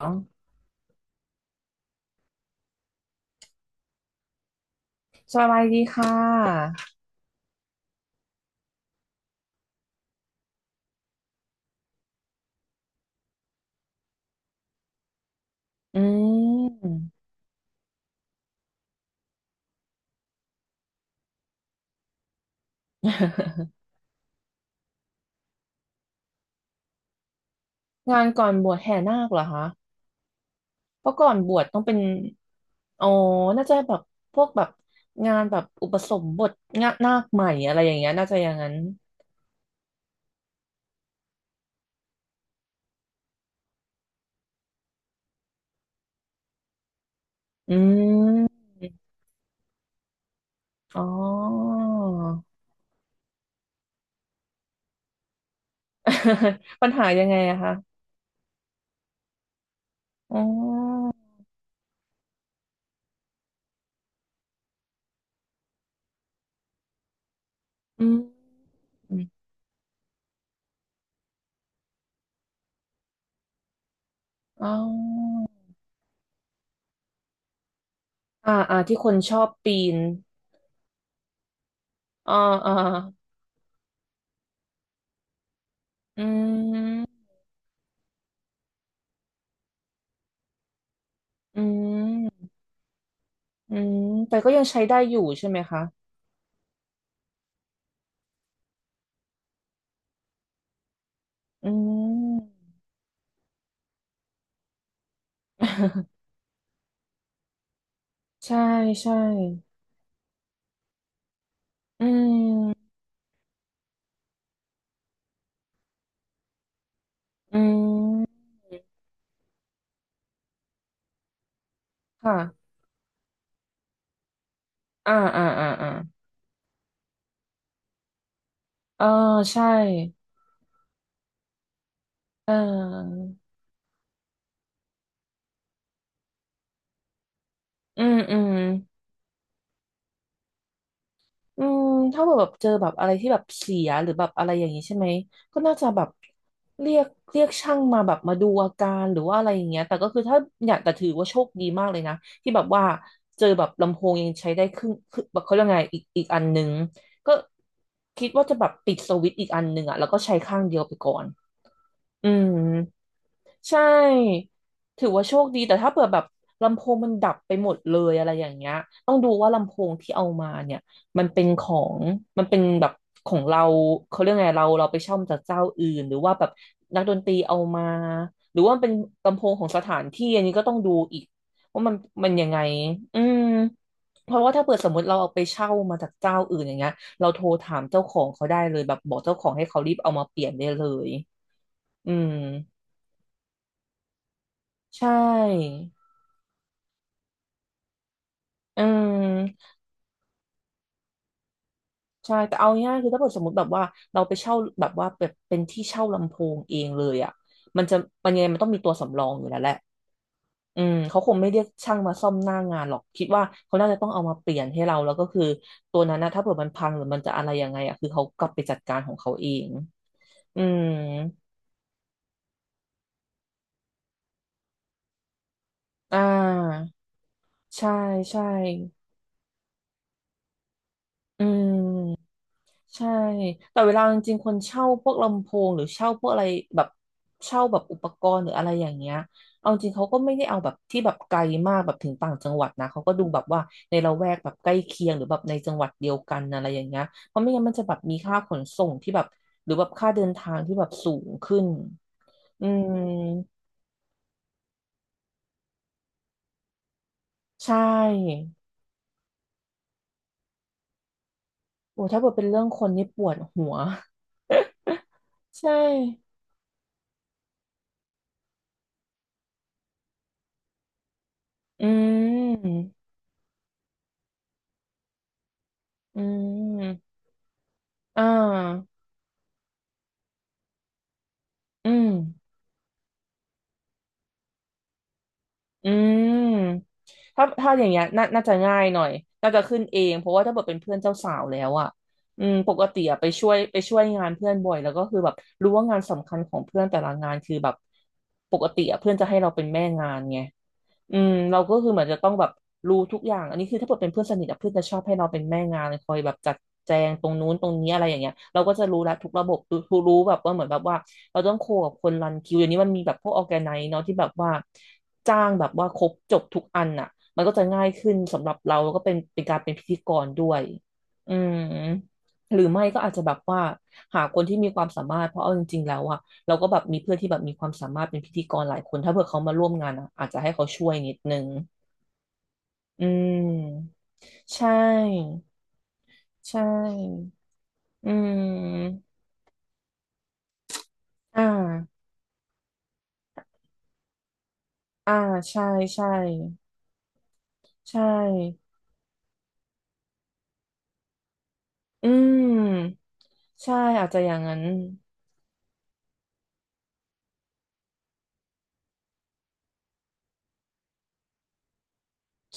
อ๋อสบายดีค่ะอืม งานก่อนบวชแห่นาคเหรอคะ เพราะก่อนบวชต้องเป็นอ๋อน่าจะแบบพวกแบบงานแบบอุปสมบทงานนาคใหม่อะไรอย่างเงี้ยน่าจะอย่างนั้นอืมอ๋อ ปัญหายังไงอะคะอ๋ออืมอมอ๋ออ่าอ่าที่คนชอบปีนอ่าอ่าอืมอืม อืมแต่ก็ยังใช้ได้อยู่ใช่ไหมคะอืม ใช่ใช่อืมอืมค่ะอ่าอ่าอ่าอ่าเออใช่เอออืมอืม อืมถ้าแบบเจอแบบอะไรที่แบบเสียหรือแบบอะไรอย่างนี้ใช่ไหมก็น่าจะแบบเรียกเรียกช่างมาแบบมาดูอาการหรือว่าอะไรอย่างเงี้ยแต่ก็คือถ้าเนี่ยแต่ถือว่าโชคดีมากเลยนะที่แบบว่าเจอแบบลำโพงยังใช้ได้ครึ่งคือแบบเขาเรียกไงอีกอันหนึงก็คิดว่าจะแบบปิดสวิตช์อีกอันหนึงอ่ะแล้วก็ใช้ข้างเดียวไปก่อนอืม ใช่ถือว่าโชคดี แต่ถ้าเปิดแบบลำโพงมันดับไปหมดเลยอะไรอย่างเงี้ย ต้องดูว่าลำโพงที่เอามาเนี่ยมันเป็นของมันเป็นแบบของเราเขาเรียกไงเราไปเช่ามาจากเจ้าอื่นหรือว่าแบบนักดนตรีเอามาหรือว่ามันเป็นลำโพงของสถานที่อันนี้ก็ต้องดูอีกว่ามันยังไงอืมเพราะว่าถ้าเปิดสมมติเราเอาไปเช่ามาจากเจ้าอื่นอย่างเงี้ยเราโทรถามเจ้าของเขาได้เลยแบบบอกเจ้าของให้เขารีบเอามาเปลี่ยนได้เลยอืมใช่ อืมใช่แต่เอาง่ายๆคือถ้าเกิดสมมติแบบว่าเราไปเช่าแบบว่าแบบเป็นที่เช่าลำโพงเองเลยอ่ะมันจะมันยังไงมันต้องมีตัวสำรองอยู่แล้วแหละอืมเขาคงไม่เรียกช่างมาซ่อมหน้างานหรอกคิดว่าเขาน่าจะต้องเอามาเปลี่ยนให้เราแล้วก็คือตัวนั้นนะถ้าเผื่อมันพังหรือมันจะอะไรยังไงอ่ะคือเขากลับไปจัดการของเขาเองอืมอ่าใช่ใช่อืม ใช่แต่เวลาจริงๆคนเช่าพวกลำโพงหรือเช่าพวกอะไรแบบเช่าแบบอุปกรณ์หรืออะไรอย่างเงี้ยเอาจริงเขาก็ไม่ได้เอาแบบที่แบบไกลมากแบบถึงต่างจังหวัดนะเขาก็ดูแบบว่าในละแวกแบบใกล้เคียงหรือแบบในจังหวัดเดียวกันอะไรอย่างเงี้ยเพราะไม่งั้นมันจะแบบมีค่าขนส่งที่แบบหรือแบบค่าเดินทางที่แบบสูงขึ้นอืมใช่โอ้ถ้าเกิดเป็นเรื่องคนนี่ปวดหัว ใช่อืม อืมอ่าอืม อืมถ้าอย่างเงี้ยน่าจะง่ายหน่อยน่าจะขึ้นเองเพราะว่าถ้าเกิดเป็นเพื่อนเจ้าสาวแล้วอ่ะอืมปกติอะไปช่วยงานเพื่อนบ่อยแล้วก็คือแบบรู้ว่างานสำคัญของเพื่อนแต่ละงานคือแบบปกติอะเพื่อนจะให้เราเป็นแม่งานไงอืมเราก็คือเหมือนจะต้องแบบรู้ทุกอย่างอันนี้คือถ้าเกิดเป็นเพื่อนสนิทอะเพื่อนจะชอบให้เราเป็นแม่งานเลยคอยแบบจัดแจงตรงนู้นตรงนี้อะไรอย่างเงี้ยเราก็จะรู้ละทุกระบบรู้แบบว่าเหมือนแบบว่าเราต้องโคกับคนรันคิวอย่างนี้มันมีแบบพวกออแกไนเนาะที่แบบว่า จ้างแบบว่าครบจบทุกอันน่ะมันก็จะง่ายขึ้นสำหรับเราแล้วก็เป็นการเป็นพิธีกรด้วยอืมหรือไม่ก็อาจจะแบบว่าหาคนที่มีความสามารถเพราะเอาจริงๆแล้วอะเราก็แบบมีเพื่อนที่แบบมีความสามารถเป็นพิธีกรหลายคนถ้าเผื่อเขามาร่วมงานอะอาจจะให้เขาช่วยนิดนึงอืมใช่ใช่อืมอ่าอ่าใช่ใช่ใช่อืมใช่อาจจะอย่างนั้น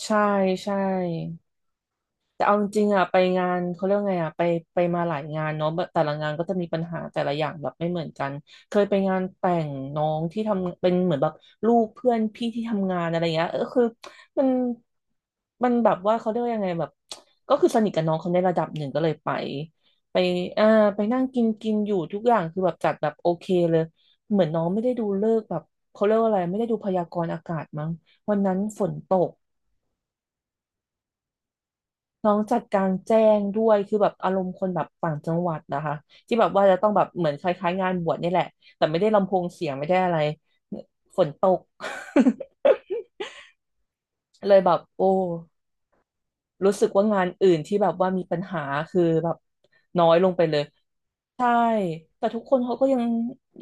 ใช่ใช่ แต่เอาจริงๆอ่ะไปงานเขาเรียกว่าไงอ่ะไปมาหลายงานเนาะแต่ละงานก็จะมีปัญหาแต่ละอย่างแบบไม่เหมือนกันเคยไปงานแต่งน้องที่ทำเป็นเหมือนแบบลูกเพื่อนพี่ที่ทำงานอะไรเงี้ยเออคือมันมันแบบว่าเขาเรียกว่ายังไงแบบก็คือสนิทกับน้องเขาในระดับหนึ่งก็เลยไปไปอ่าไปนั่งกินกินอยู่ทุกอย่างคือแบบจัดแบบโอเคเลยเหมือนน้องไม่ได้ดูฤกษ์แบบเขาเรียกว่าอะไรไม่ได้ดูพยากรณ์อากาศมั้งวันนั้นฝนตก น้องจัดกลางแจ้งด้วยคือแบบอารมณ์คนแบบต่างจังหวัดนะคะที่แบบว่าจะต้องแบบเหมือนคล้ายๆงานบวชนี่แหละแต่ไม่ได้ลำโพงเสียงไม่ได้อะไร เลยแบบโอ้รู้สึกว่างานอื่นที่แบบว่ามีปัญหาคือแบบน้อยลงไปเลย ใช่แต่ทุกคนเขาก็ยัง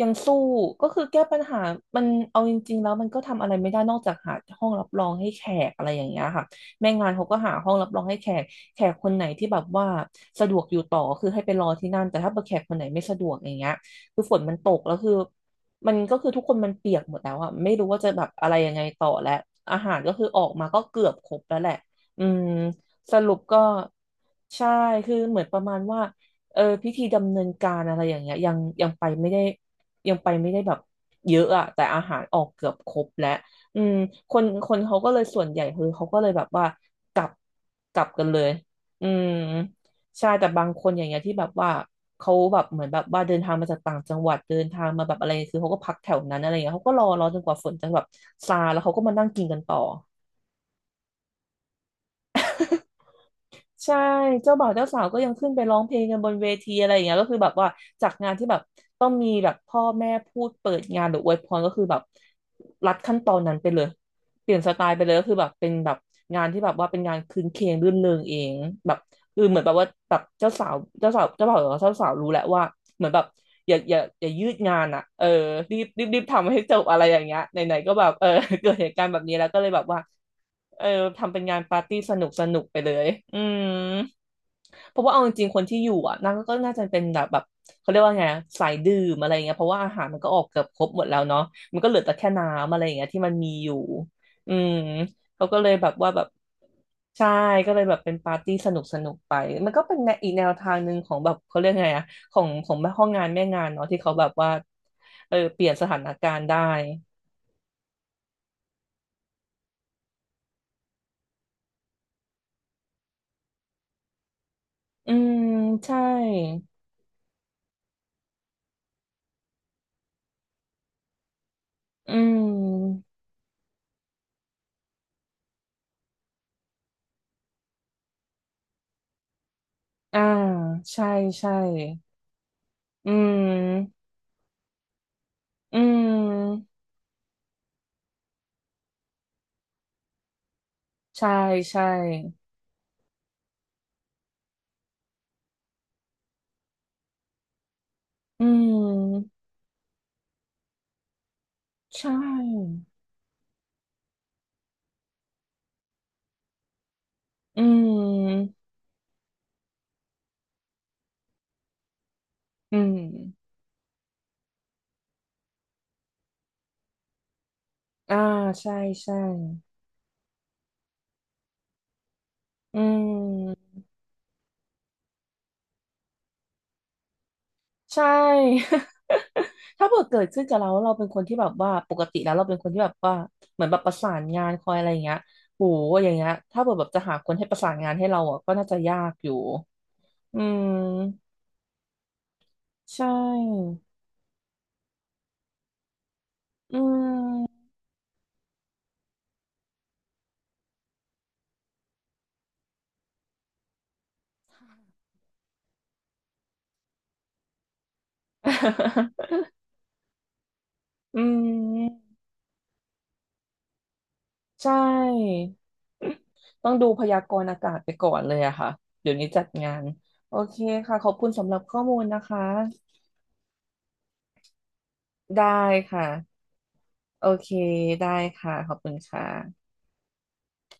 ยังสู้ก็คือแก้ปัญหามันเอาจริงๆแล้วมันก็ทำอะไรไม่ได้นอกจากหาห้องรับรองให้แขกอะไรอย่างเงี้ยค่ะแม่งานเขาก็หาห้องรับรองให้แขกแขกคนไหนที่แบบว่าสะดวกอยู่ต่อคือให้ไปรอที่นั่นแต่ถ้าแขกคนไหนไม่สะดวกอย่างเงี้ยคือฝนมันตกแล้วคือมันก็คือทุกคนมันเปียกหมดแล้วอะไม่รู้ว่าจะแบบอะไรยังไงต่อแล้วอาหารก็คือออกมาก็เกือบครบแล้วแหละอืมสรุปก็ใช่คือเหมือนประมาณว่า พิธีดำเนินการอะไรอย่างเงี้ยยังไปไม่ได้ยังไปไม่ได้แบบเยอะอะแต่อาหารออกเกือบครบแล้วอืมคนคนเขาก็เลยส่วนใหญ่คือเขาก็เลยแบบว่ากลับกลับกันเลยอืมใช่แต่บางคนอย่างเงี้ยที่แบบว่าเขาแบบเหมือนแบบว่าเดินทางมาจากต่างจังหวัดเดินทางมาแบบอะไรคือเขาก็พักแถวนั้นอะไรเงี้ยเขาก็รอจนกว่าฝนจะแบบซาแล้วเขาก็มานั่งกินกันต่อ ใช่เจ้าบ่าวเจ้าสาวก็ยังขึ้นไปร้องเพลงกันบนเวทีอะไรอย่างเงี้ยก็คือแบบว่าจากงานที่แบบต้องมีแบบพ่อแม่พูดเปิดงานหรืออวยพรก็คือแบบรัดขั้นตอนนั้นไปเลย เปลี่ยนสไตล์ไปเลยก็คือแบบเป็นแบบงานที่แบบว่าเป็นงานคืนเคงรื่นเริงเองแบบคือเหมือนแบบว่าแบบเจ้าสาวเจ้าบ่าวหรือว่าเจ้าสาวรู้แหละว่าเหมือนแบบอย่ายืดงานอ่ะเออรีบทำให้จบอะไรอย่างเงี้ยไหนๆก็แบบเออ เกิดเหตุการณ์แบบนี้แล้วก็เลยแบบว่าเออทำเป็นงานปาร์ตี้สนุกสนุกไปเลยอืมเพราะว่าเอาจริงๆคนที่อยู่อ่ะน่าก็น่าจะเป็นแบบเขาเรียกว่าไงอะสายดื่มอะไรเงี้ยเพราะว่าอาหารมันก็ออกเกือบครบหมดแล้วเนาะมันก็เหลือแต่แค่น้ำอะไรเงี้ยที่มันมีอยู่ อืมเขาก็เลยแบบว่าแบบใช่ก็เลยแบบเป็นปาร์ตี้สนุกสนุกไปมันก็เป็นแนวอีกแนวทางหนึ่งของแบบเขาเรียกไงอะของแม่ห้องงานแม่งานเนาะที่เขาแบบว่าเออเปลี่ยนสถานการณ์ได้อืมใช่อืมอ่าใช่ใช่อืมอืมใช่ใช่อืมใช่อืมอืมอ่าใช่ใช่อืม ใช่ ถ้าเกิดขึ้นกับเราเราเป็นคนที่แบบว่าปกติแล้วเราเป็นคนที่แบบว่าเหมือนแบบประสานงานคอยอะไรอย่างเงี้ยโหอย่างเงี้ยถ้าเกิดแบบจะหาคนให้ประสานงานให้เราอ่ะก็น่าจะยากอยู่อืมใช่อืม อืมใช่ ต้องดูพยากรณ์อากาศไปก่อนเลยอะค่ะเดี๋ยวนี้จัดงานโอเคค่ะขอบคุณสำหรับข้อมูลนะคะ ได้ค่ะโอเคได้ค่ะขอบคุณค่ะ